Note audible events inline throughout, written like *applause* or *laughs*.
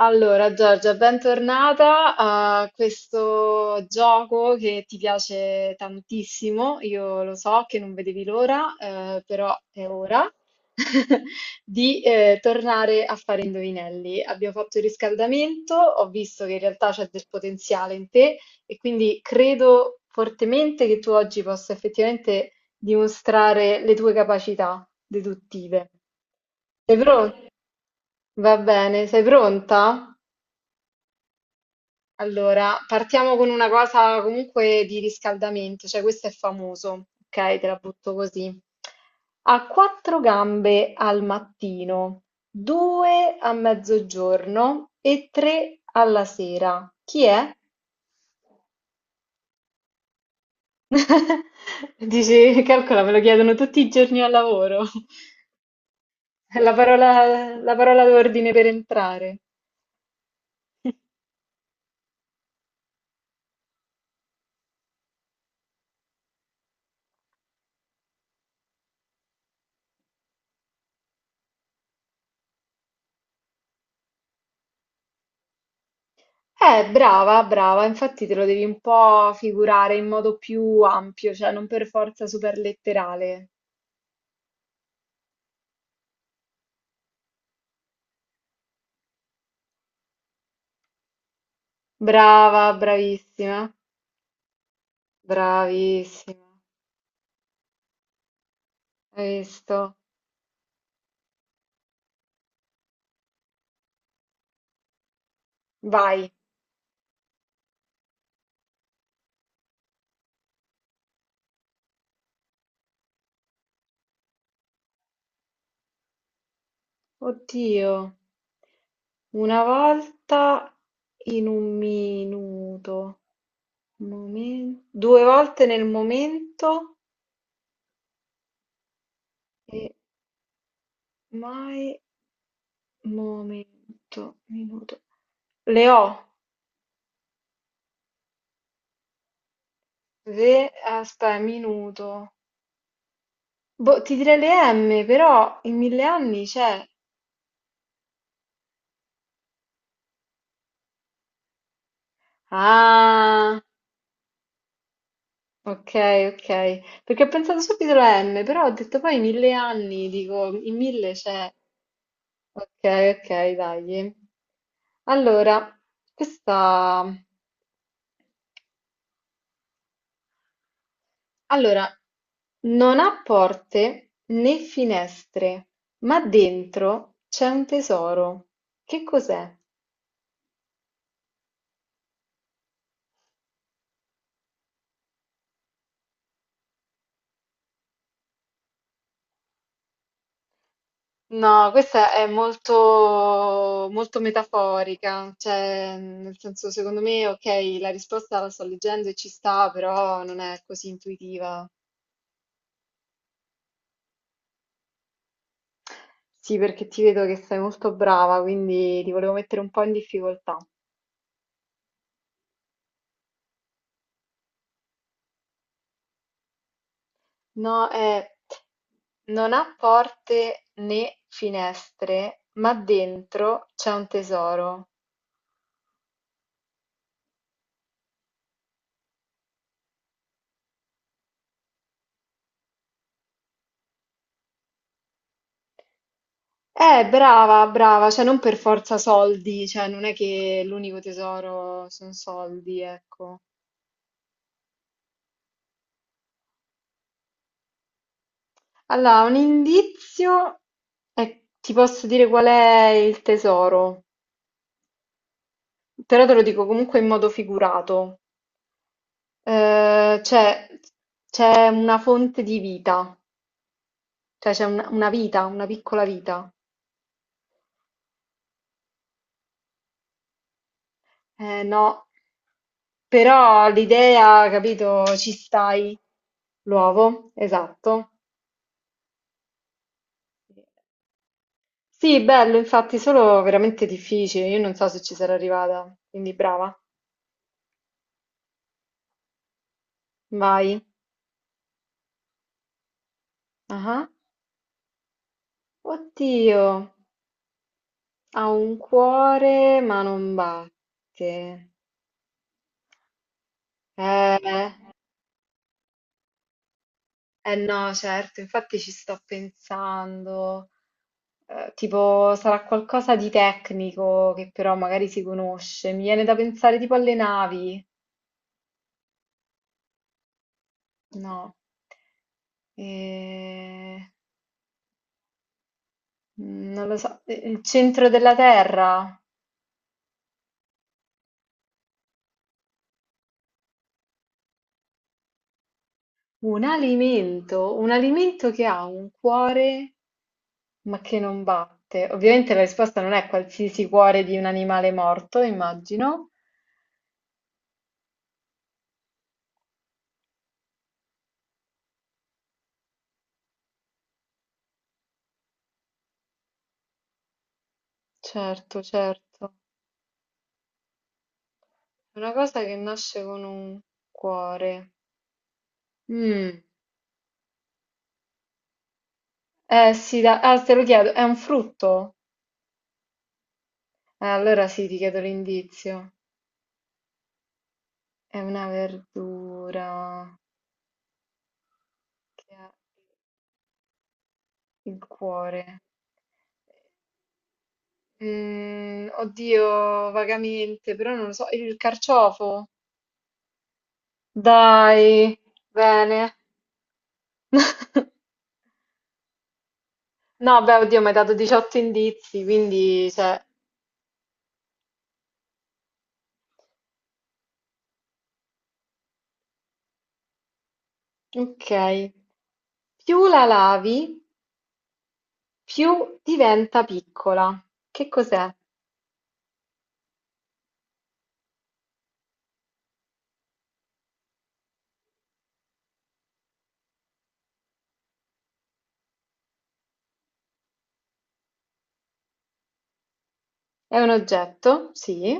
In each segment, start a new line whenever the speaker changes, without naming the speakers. Allora, Giorgia, bentornata a questo gioco che ti piace tantissimo. Io lo so che non vedevi l'ora, però è ora *laughs* di tornare a fare indovinelli. Abbiamo fatto il riscaldamento, ho visto che in realtà c'è del potenziale in te e quindi credo fortemente che tu oggi possa effettivamente dimostrare le tue capacità deduttive. Sei pronta? Va bene, sei pronta? Allora, partiamo con una cosa comunque di riscaldamento, cioè questo è famoso, ok? Te la butto così. Ha quattro gambe al mattino, due a mezzogiorno e tre alla sera. Chi è? *laughs* Dici, calcola, me lo chiedono tutti i giorni al lavoro. *laughs* È la parola d'ordine per entrare. Brava, brava, infatti te lo devi un po' figurare in modo più ampio, cioè non per forza super letterale. Brava, bravissima, bravissima. Hai visto? Vai. Oddio, una volta in un minuto, due volte nel momento e mai momento, minuto. Le ho, ve, aspetta, minuto. Boh, ti direi le M, però in mille anni c'è. Ah, ok, ok. Perché ho pensato subito alla M, però ho detto poi in mille anni, dico, in mille c'è. Ok, ok, dai. Allora, questa... Allora, non ha porte né finestre, ma dentro c'è un tesoro. Che cos'è? No, questa è molto, molto metaforica, cioè, nel senso, secondo me, ok, la risposta la sto leggendo e ci sta, però non è così intuitiva. Sì, perché ti vedo che sei molto brava, quindi ti volevo mettere un po' in difficoltà. No, è non ha porte né finestre, ma dentro c'è un tesoro. Brava, brava, cioè non per forza soldi, cioè non è che l'unico tesoro sono soldi, ecco. Allora, un indizio è, ti posso dire qual è il tesoro, però te lo dico comunque in modo figurato. Eh, c'è c'è una fonte di vita, cioè c'è una vita, una piccola vita. No, però l'idea, capito, ci stai. L'uovo, esatto. Sì, bello, infatti, solo veramente difficile. Io non so se ci sarò arrivata, quindi brava. Vai. Ah. Oddio. Ha un cuore ma non batte. Eh, eh no, certo, infatti ci sto pensando. Tipo, sarà qualcosa di tecnico che però magari si conosce. Mi viene da pensare tipo alle navi. No. Eh, non lo so. Il centro della Terra. Un alimento che ha un cuore. Ma che non batte. Ovviamente la risposta non è qualsiasi cuore di un animale morto, immagino. Certo, certo. È una cosa che nasce con un cuore. Mm. Eh sì, ah, te lo chiedo, è un frutto? Allora sì, ti chiedo l'indizio. È una verdura che ha il cuore. Mm, oddio, vagamente, però non lo so. Il carciofo? Dai, bene. *laughs* No, beh, oddio, mi hai dato 18 indizi, quindi, cioè, ok. Più la lavi, più diventa piccola. Che cos'è? È un oggetto? Sì.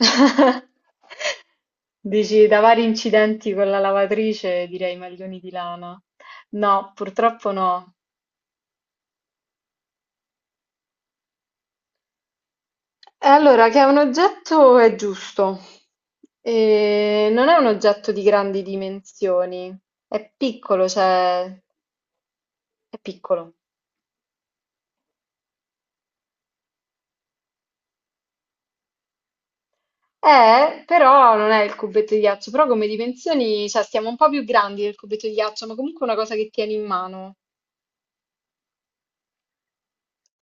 *laughs* Dici, da vari incidenti con la lavatrice, direi maglioni di lana. No, purtroppo no. E allora, che è un oggetto è giusto. E non è un oggetto di grandi dimensioni, è piccolo, cioè, è piccolo. Però non è il cubetto di ghiaccio, però come dimensioni, cioè stiamo un po' più grandi del cubetto di ghiaccio, ma comunque è una cosa che tieni in mano.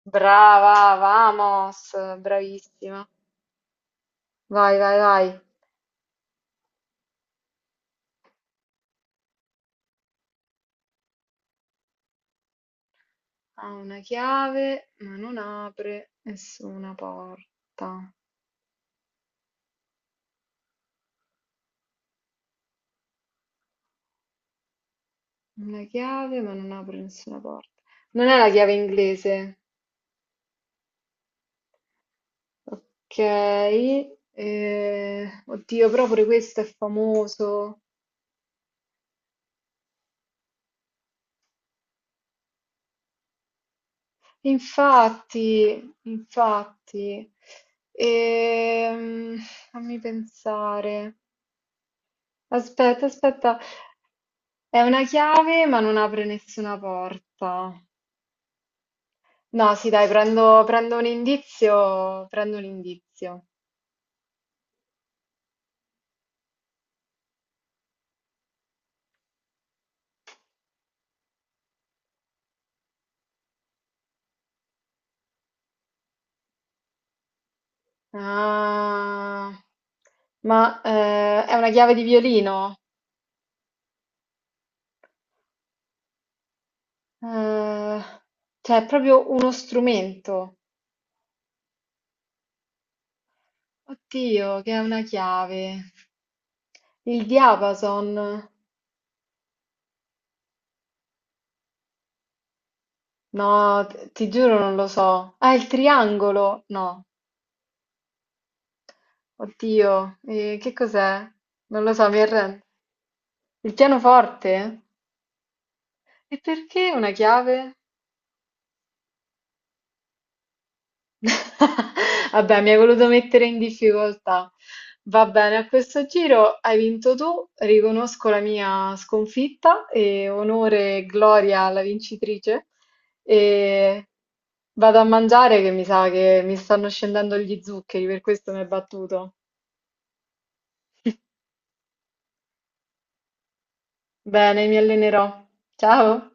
Brava, vamos, bravissima. Vai, vai, vai. Ha una chiave, ma non apre nessuna porta. Una chiave, ma non apre nessuna porta. Non è la chiave inglese. Ok. Eh, oddio, però pure questo è famoso. Infatti, infatti, Ehm, fammi pensare. Aspetta, aspetta, è una chiave ma non apre nessuna porta. No, sì, dai, prendo un indizio, prendo un indizio. Ah, è una chiave di violino? Eh, cioè, è proprio uno strumento. Oddio, che è una chiave. Il diapason. No, ti giuro non lo so. Ah, il triangolo? No. Oddio, che cos'è? Non lo so, mi arrendo. Il pianoforte? E perché una chiave? *laughs* Vabbè, mi hai voluto mettere in difficoltà. Va bene, a questo giro hai vinto tu, riconosco la mia sconfitta e onore e gloria alla vincitrice. E vado a mangiare che mi sa che mi stanno scendendo gli zuccheri, per questo mi hai battuto. Bene, mi allenerò. Ciao!